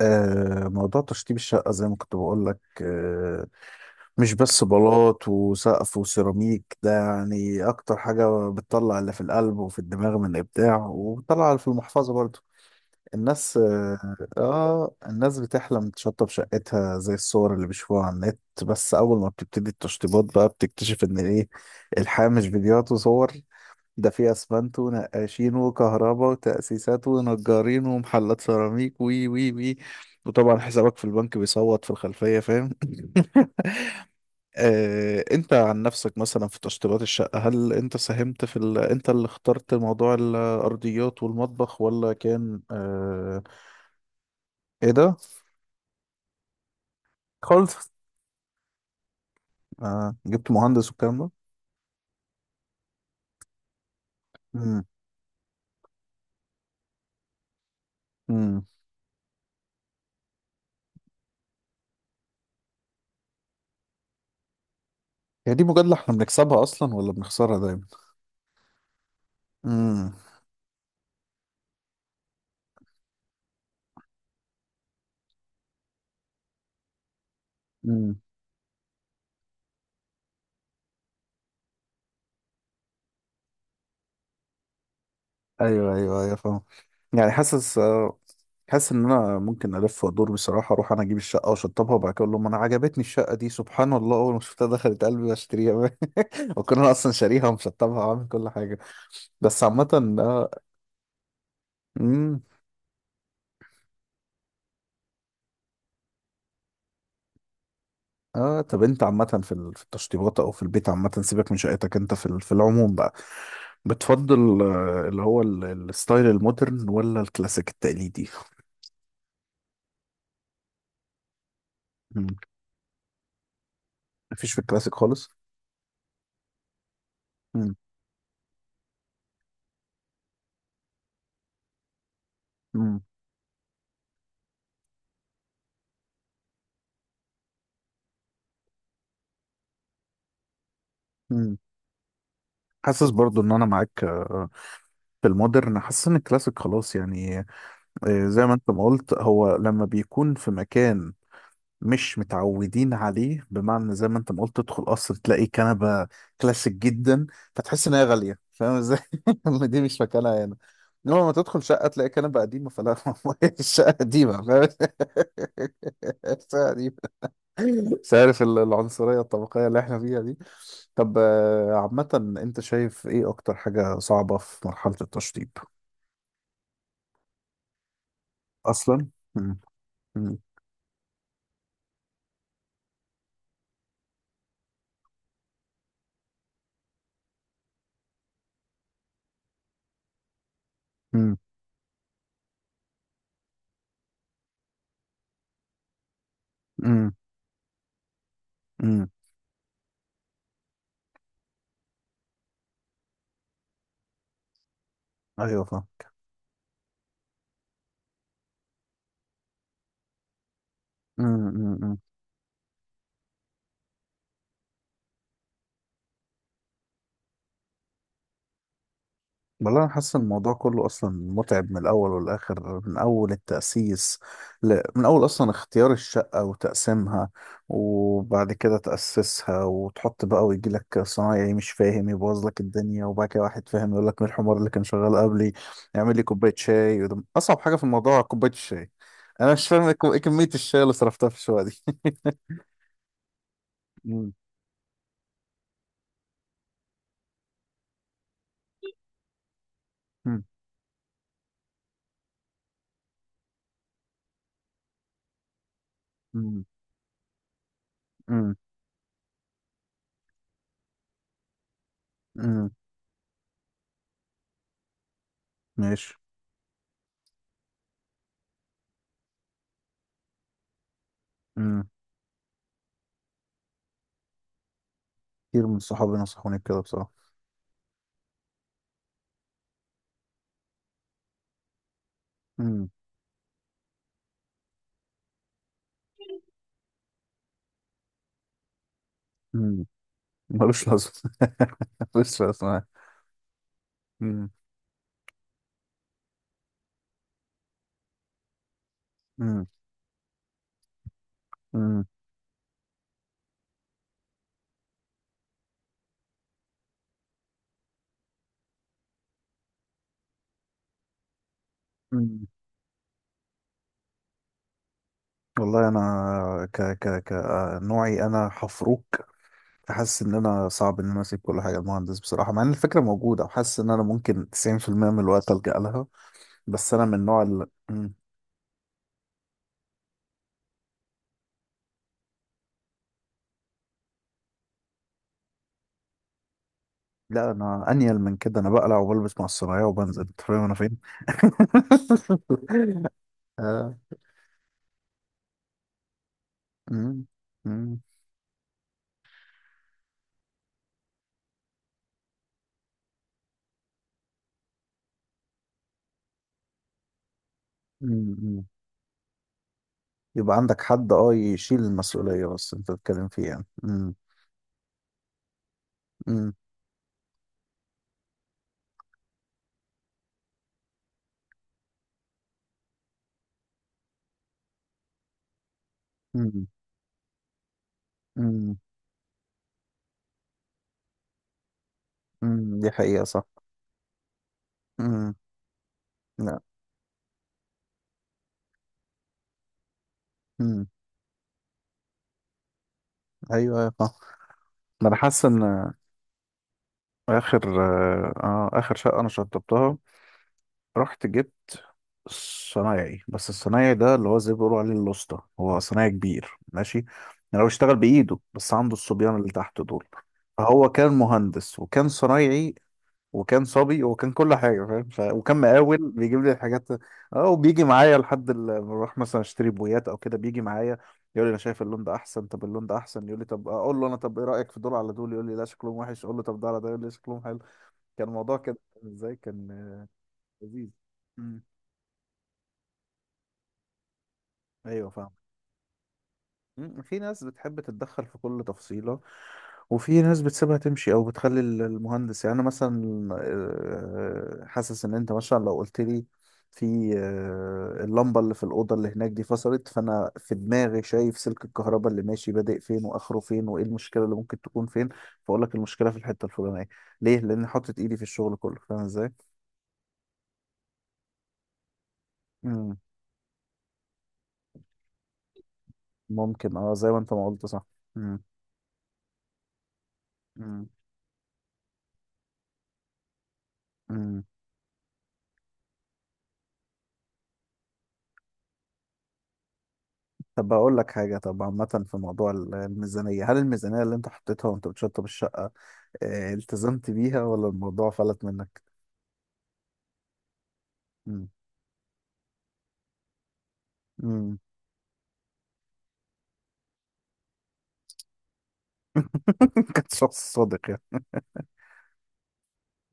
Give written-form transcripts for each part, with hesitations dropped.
موضوع تشطيب الشقة زي ما كنت بقول لك مش بس بلاط وسقف وسيراميك، ده يعني أكتر حاجة بتطلع اللي في القلب وفي الدماغ من إبداع، وبتطلع اللي في المحفظة برضو. الناس الناس بتحلم تشطب شقتها زي الصور اللي بيشوفوها على النت، بس أول ما بتبتدي التشطيبات بقى بتكتشف إن إيه، الحياة مش فيديوهات وصور. ده فيه اسمنت ونقاشين وكهرباء وتأسيسات ونجارين ومحلات سيراميك، وي وي وي. وطبعا حسابك في البنك بيصوت في الخلفية، فاهم؟ انت عن نفسك مثلا في تشطيبات الشقة، هل انت ساهمت في ال... انت اللي اخترت موضوع الارضيات والمطبخ ولا كان ايه ده، خالص؟ جبت مهندس والكلام ده؟ امم امم هي دي مجادلة احنا بنكسبها اصلا ولا بنخسرها دايما؟ امم ايوه ايوه ايوه، فاهم. يعني حاسس ان انا ممكن الف وادور بصراحه، اروح انا اجيب الشقه واشطبها، وبعد كده اقول لهم انا عجبتني الشقه دي، سبحان الله، اول ما شفتها دخلت قلبي واشتريها. وكنا انا اصلا شاريها ومشطبها وعامل كل حاجه، بس عامه. اه امم اه طب انت عامه في في التشطيبات او في البيت عامه، سيبك من شقتك انت، في في العموم بقى، بتفضل الستايل المودرن ولا الكلاسيك التقليدي؟ مم. مفيش في الكلاسيك خالص؟ مم. مم. حاسس برضو ان انا معاك في المودرن. حاسس ان الكلاسيك خلاص يعني. زي ما انت ما قلت، هو لما بيكون في مكان مش متعودين عليه، بمعنى زي ما انت ما قلت تدخل قصر تلاقي كنبة كلاسيك جدا، فتحس ان هي غالية، فاهم ازاي؟ إن دي مش مكانها هنا. انما لما تدخل شقة تلاقي كنبة قديمة، فلا. الشقة قديمة، فاهم؟ الشقة قديمة. مش عارف العنصرية الطبقية اللي احنا فيها دي. طب عامة، انت شايف ايه اكتر حاجة صعبة في مرحلة التشطيب؟ اصلا. مم. مم. مم. مم. مم. ايوه، فاهم. والله انا حاسس إن الموضوع كله اصلا متعب من الاول والاخر، من اول التاسيس. من اول اصلا اختيار الشقه وتقسيمها، وبعد كده تاسسها وتحط بقى، ويجي لك صنايعي مش فاهم يبوظ لك الدنيا، وبعد كده واحد فاهم يقول لك مين الحمار اللي كان شغال قبلي، يعمل لي كوبايه شاي. وده اصعب حاجه في الموضوع، كوبايه الشاي. انا مش فاهم ايه كميه الشاي اللي صرفتها في الشقه دي. مم، مم، مم، مم، مم، ماشي. مم. كتير من صحابي نصحوني بكده بصراحه. مم. ملوش لازمة. ملوش لازمة. مم. مم. مم. مم. والله انا، ك ك ك نوعي انا حفروك، حاسس ان انا صعب ان انا اسيب كل حاجه المهندس بصراحه، مع ان الفكره موجوده، وحاسس ان انا ممكن 90% من الوقت الجا لها، بس انا من النوع اللي مم. لا انا انيل من كده، انا بقلع وبلبس مع الصنايعيه وبنزل، انت فاهم انا فين. آه. مم. مم. مم. يبقى عندك حد، اه، يشيل المسؤوليه بس انت بتتكلم فيه يعني. امم امم امم دي حقيقة صح. امم لا. امم. ايوه ايوه صح. ما انا حاسس ان، اخر، آه اخر شقة انا شطبتها، رحت جبت صنايعي، بس الصنايعي ده اللي هو زي ما بيقولوا عليه الواسطة، هو صنايعي كبير ماشي. يعني هو اشتغل بايده، بس عنده الصبيان اللي تحت دول. فهو كان مهندس وكان صنايعي وكان صبي وكان كل حاجة، فاهم؟ وكان مقاول بيجيب لي الحاجات، اه، وبيجي معايا لحد ما بروح مثلا اشتري بويات او كده بيجي معايا، يقول لي انا شايف اللون ده احسن، طب اللون ده احسن، يقول لي طب، اقول له انا طب ايه رأيك في دول على دول، يقول لي لا شكلهم وحش، اقول له طب ده على ده، يقول لي شكلهم حلو. كان الموضوع كده. ازاي كان، لذيذ. مم. ايوه فاهم. مم. في ناس بتحب تتدخل في كل تفصيلة، وفي ناس بتسيبها تمشي او بتخلي المهندس. يعني انا مثلا، حاسس ان انت مثلا لو قلت لي في اللمبه اللي في الاوضه اللي هناك دي فصلت، فانا في دماغي شايف سلك الكهرباء اللي ماشي بادئ فين واخره فين، وايه المشكله اللي ممكن تكون فين، فاقول لك المشكله في الحته الفلانيه. ليه؟ لان حطيت ايدي في الشغل كله، فاهم ازاي؟ مم. ممكن، اه، زي ما انت ما قلت صح. مم. مم. مم. طب بقول لك حاجه، طب عامه في موضوع الميزانيه، هل الميزانيه اللي انت حطيتها وانت بتشطب الشقه، التزمت بيها ولا الموضوع فلت منك؟ مم. مم. كنت شخص صادق يعني.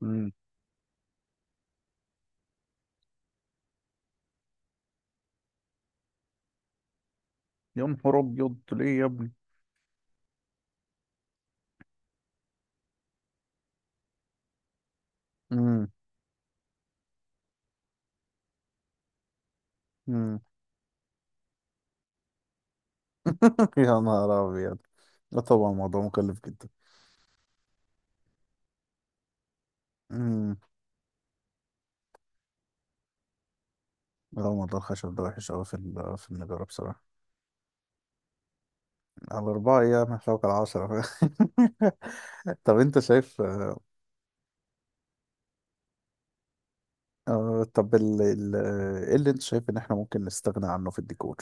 مم. يا نهار ابيض، ليه يا ابني؟ مم. مم. يا نهار ابيض. لا طبعا الموضوع مكلف جدا. امم. لا موضوع الخشب ده وحش قوي في في النجارة بصراحة. على أربعة أيام هتلاقوا على عشرة. طب أنت شايف، آه، طب ال... ال... آه، إيه اللي أنت شايف إن إحنا ممكن نستغنى عنه في الديكور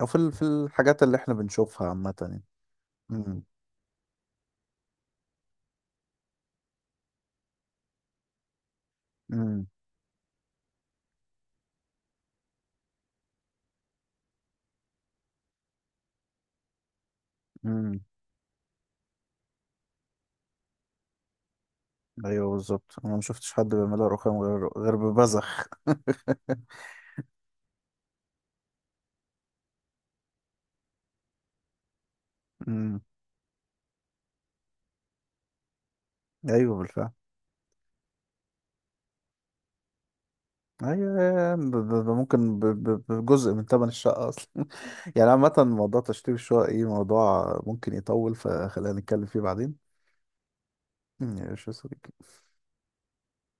أو في في الحاجات اللي إحنا بنشوفها عامة يعني؟ امم امم ايوه بالظبط، انا ما شفتش حد بيعملها رخام غير، غير ببذخ. امم. ايوه بالفعل. ايوه، ممكن بجزء من ثمن الشقه اصلا. يعني عامه موضوع تشطيب الشقه، ايه، موضوع ممكن يطول، فخلينا نتكلم فيه بعدين. ماشي يا صديقي.